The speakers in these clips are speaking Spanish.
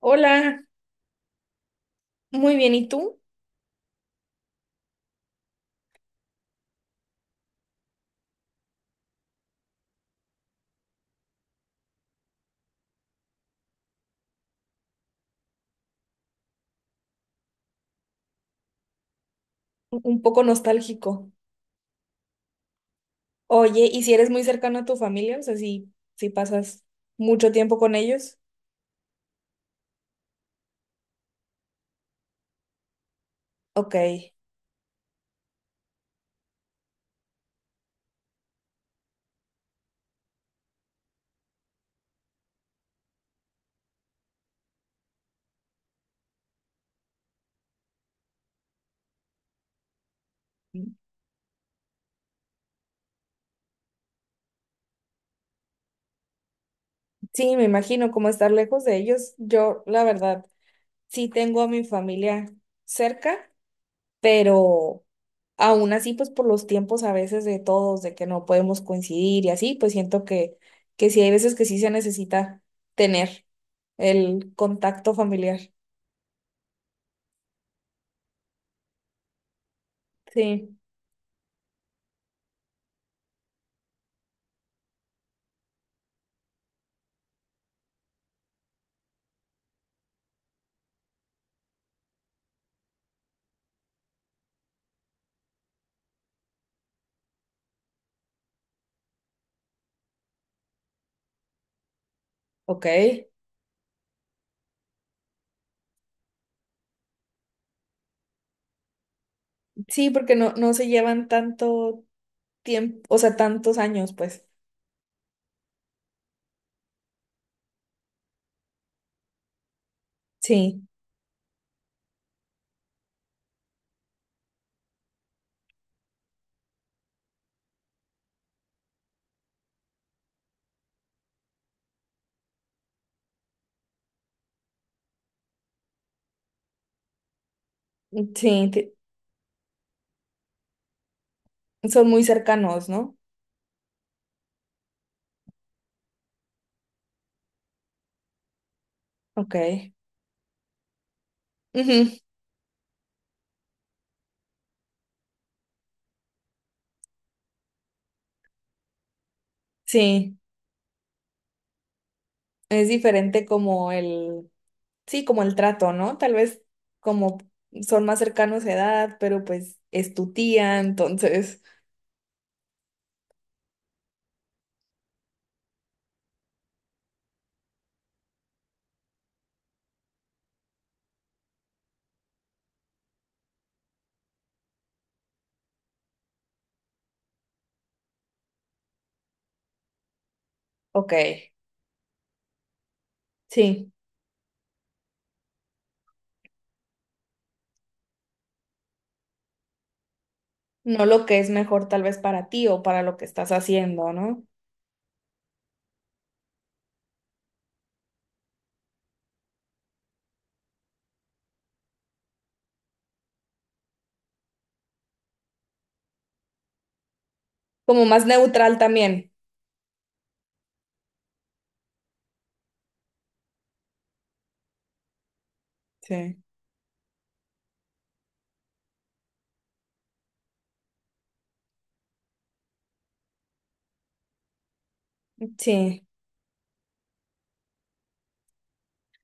Hola, muy bien, ¿y tú? Un poco nostálgico. Oye, ¿y si eres muy cercano a tu familia? O sea, si pasas mucho tiempo con ellos. Ok. Sí, me imagino como estar lejos de ellos. Yo, la verdad, sí tengo a mi familia cerca, pero aún así, pues por los tiempos a veces de todos, de que no podemos coincidir y así, pues siento que sí hay veces que sí se necesita tener el contacto familiar. Sí. Ok. Sí, porque no se llevan tanto tiempo, o sea, tantos años, pues. Sí, mm, son muy cercanos, ¿no? Ok. Ujú. Sí, es diferente como sí, como el trato, ¿no? Tal vez como son más cercanos de edad, pero pues es tu tía, entonces, ok, sí, no lo que es mejor tal vez para ti o para lo que estás haciendo, ¿no? Como más neutral también. Sí. Sí.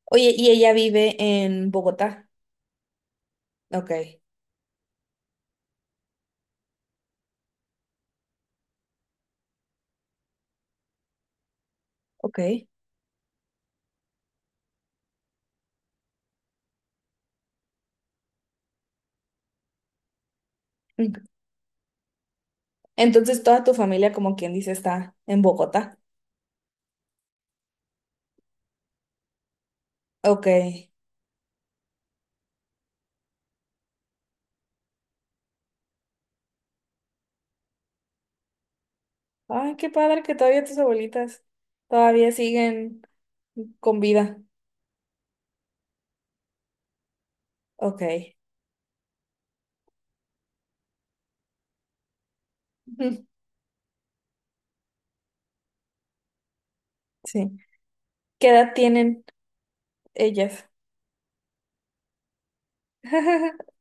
Oye, ¿y ella vive en Bogotá? Ok, ok. Mm. Entonces toda tu familia, como quien dice, está en Bogotá. Ok. Ay, qué padre que todavía tus abuelitas todavía siguen con vida. Ok. Ujú. Sí. ¿Qué edad tienen ellas?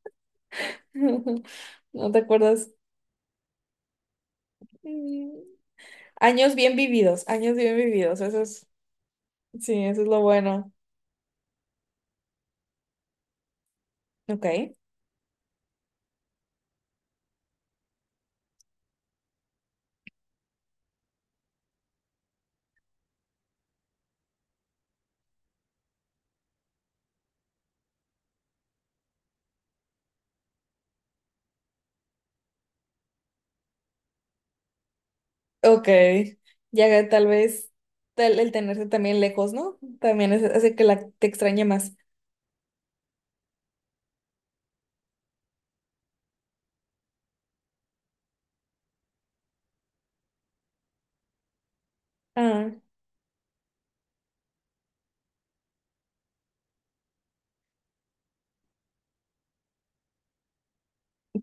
¿No te acuerdas? Mm. Años bien vividos, años bien vividos. Eso es, sí, eso es lo bueno. Ok. Ok. Ya tal vez el tenerse también lejos, ¿no? También hace que te extrañe más. Ah,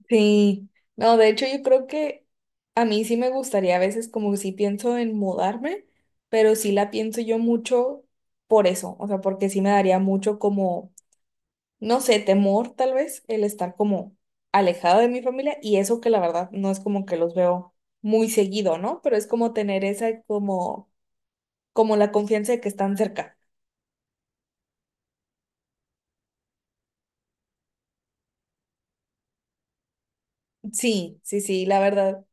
sí. No, de hecho yo creo que a mí sí me gustaría a veces como que sí pienso en mudarme, pero sí la pienso yo mucho por eso, o sea, porque sí me daría mucho como, no sé, temor tal vez el estar como alejado de mi familia y eso que la verdad no es como que los veo muy seguido, ¿no? Pero es como tener esa como, como la confianza de que están cerca. Sí, sí, sí, la verdad.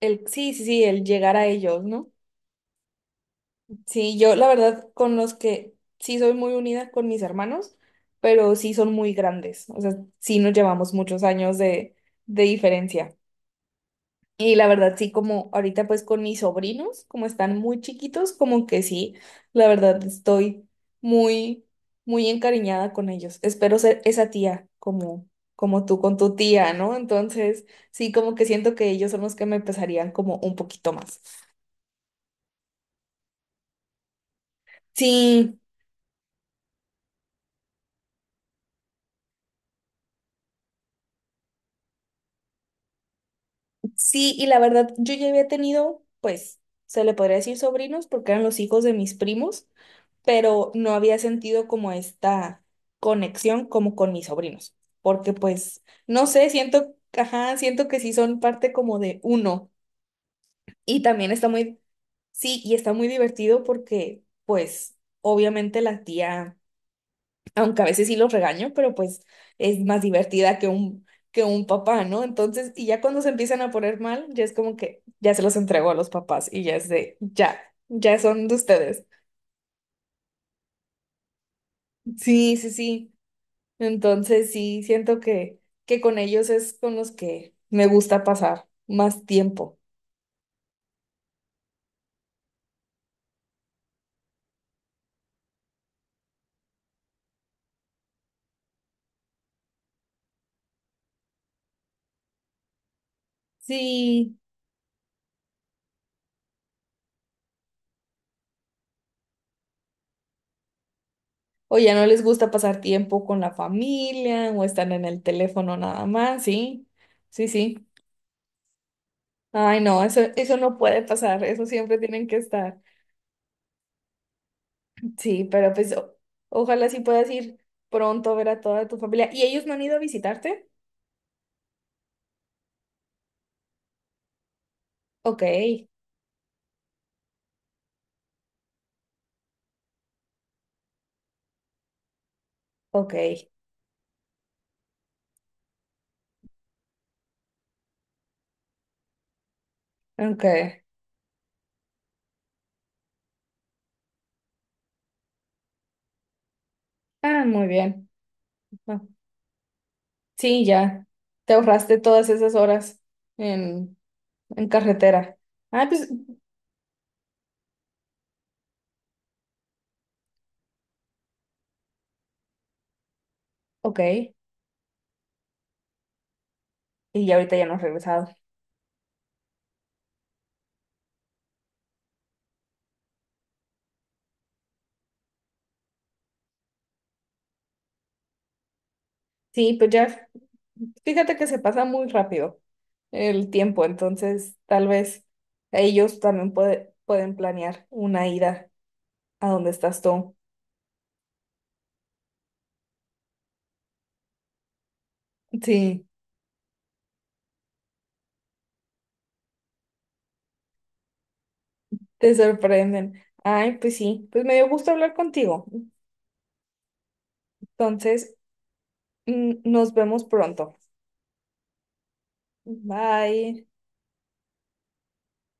El, sí, sí, sí, el llegar a ellos, ¿no? Sí, yo la verdad con los que sí soy muy unida con mis hermanos, pero sí son muy grandes, o sea, sí nos llevamos muchos años de diferencia. Y la verdad sí como ahorita pues con mis sobrinos, como están muy chiquitos, como que sí, la verdad estoy muy, muy encariñada con ellos. Espero ser esa tía como, como tú con tu tía, ¿no? Entonces sí como que siento que ellos son los que me pesarían como un poquito más. Sí. Sí, y la verdad, yo ya había tenido, pues, se le podría decir sobrinos, porque eran los hijos de mis primos, pero no había sentido como esta conexión como con mis sobrinos, porque pues, no sé, siento, ajá, siento que sí son parte como de uno. Y también está muy, sí, y está muy divertido porque, pues, obviamente la tía aunque a veces sí los regaño, pero pues es más divertida que que un papá, ¿no? Entonces, y ya cuando se empiezan a poner mal, ya es como que ya se los entregó a los papás y ya es de, ya, ya son de ustedes. Sí, sí, sí. Entonces, sí, siento que con ellos es con los que me gusta pasar más tiempo. Sí, o ya no les gusta pasar tiempo con la familia o están en el teléfono nada más, sí, sí, sí. Ay, no, eso no puede pasar, eso siempre tienen que estar. Sí, pero pues ojalá sí puedas ir pronto a ver a toda tu familia. ¿Y ellos no han ido a visitarte? Ok, ok, ok. Ah, muy bien. Ah, sí, ya. Te ahorraste todas esas horas en, en carretera. Ah, pues, ok. Y ya ahorita ya no has regresado. Sí, pues ya, fíjate que se pasa muy rápido el tiempo, entonces tal vez ellos también pueden planear una ida a donde estás tú. Sí. Te sorprenden. Ay, pues sí, pues me dio gusto hablar contigo. Entonces, mm, nos vemos pronto. Bye.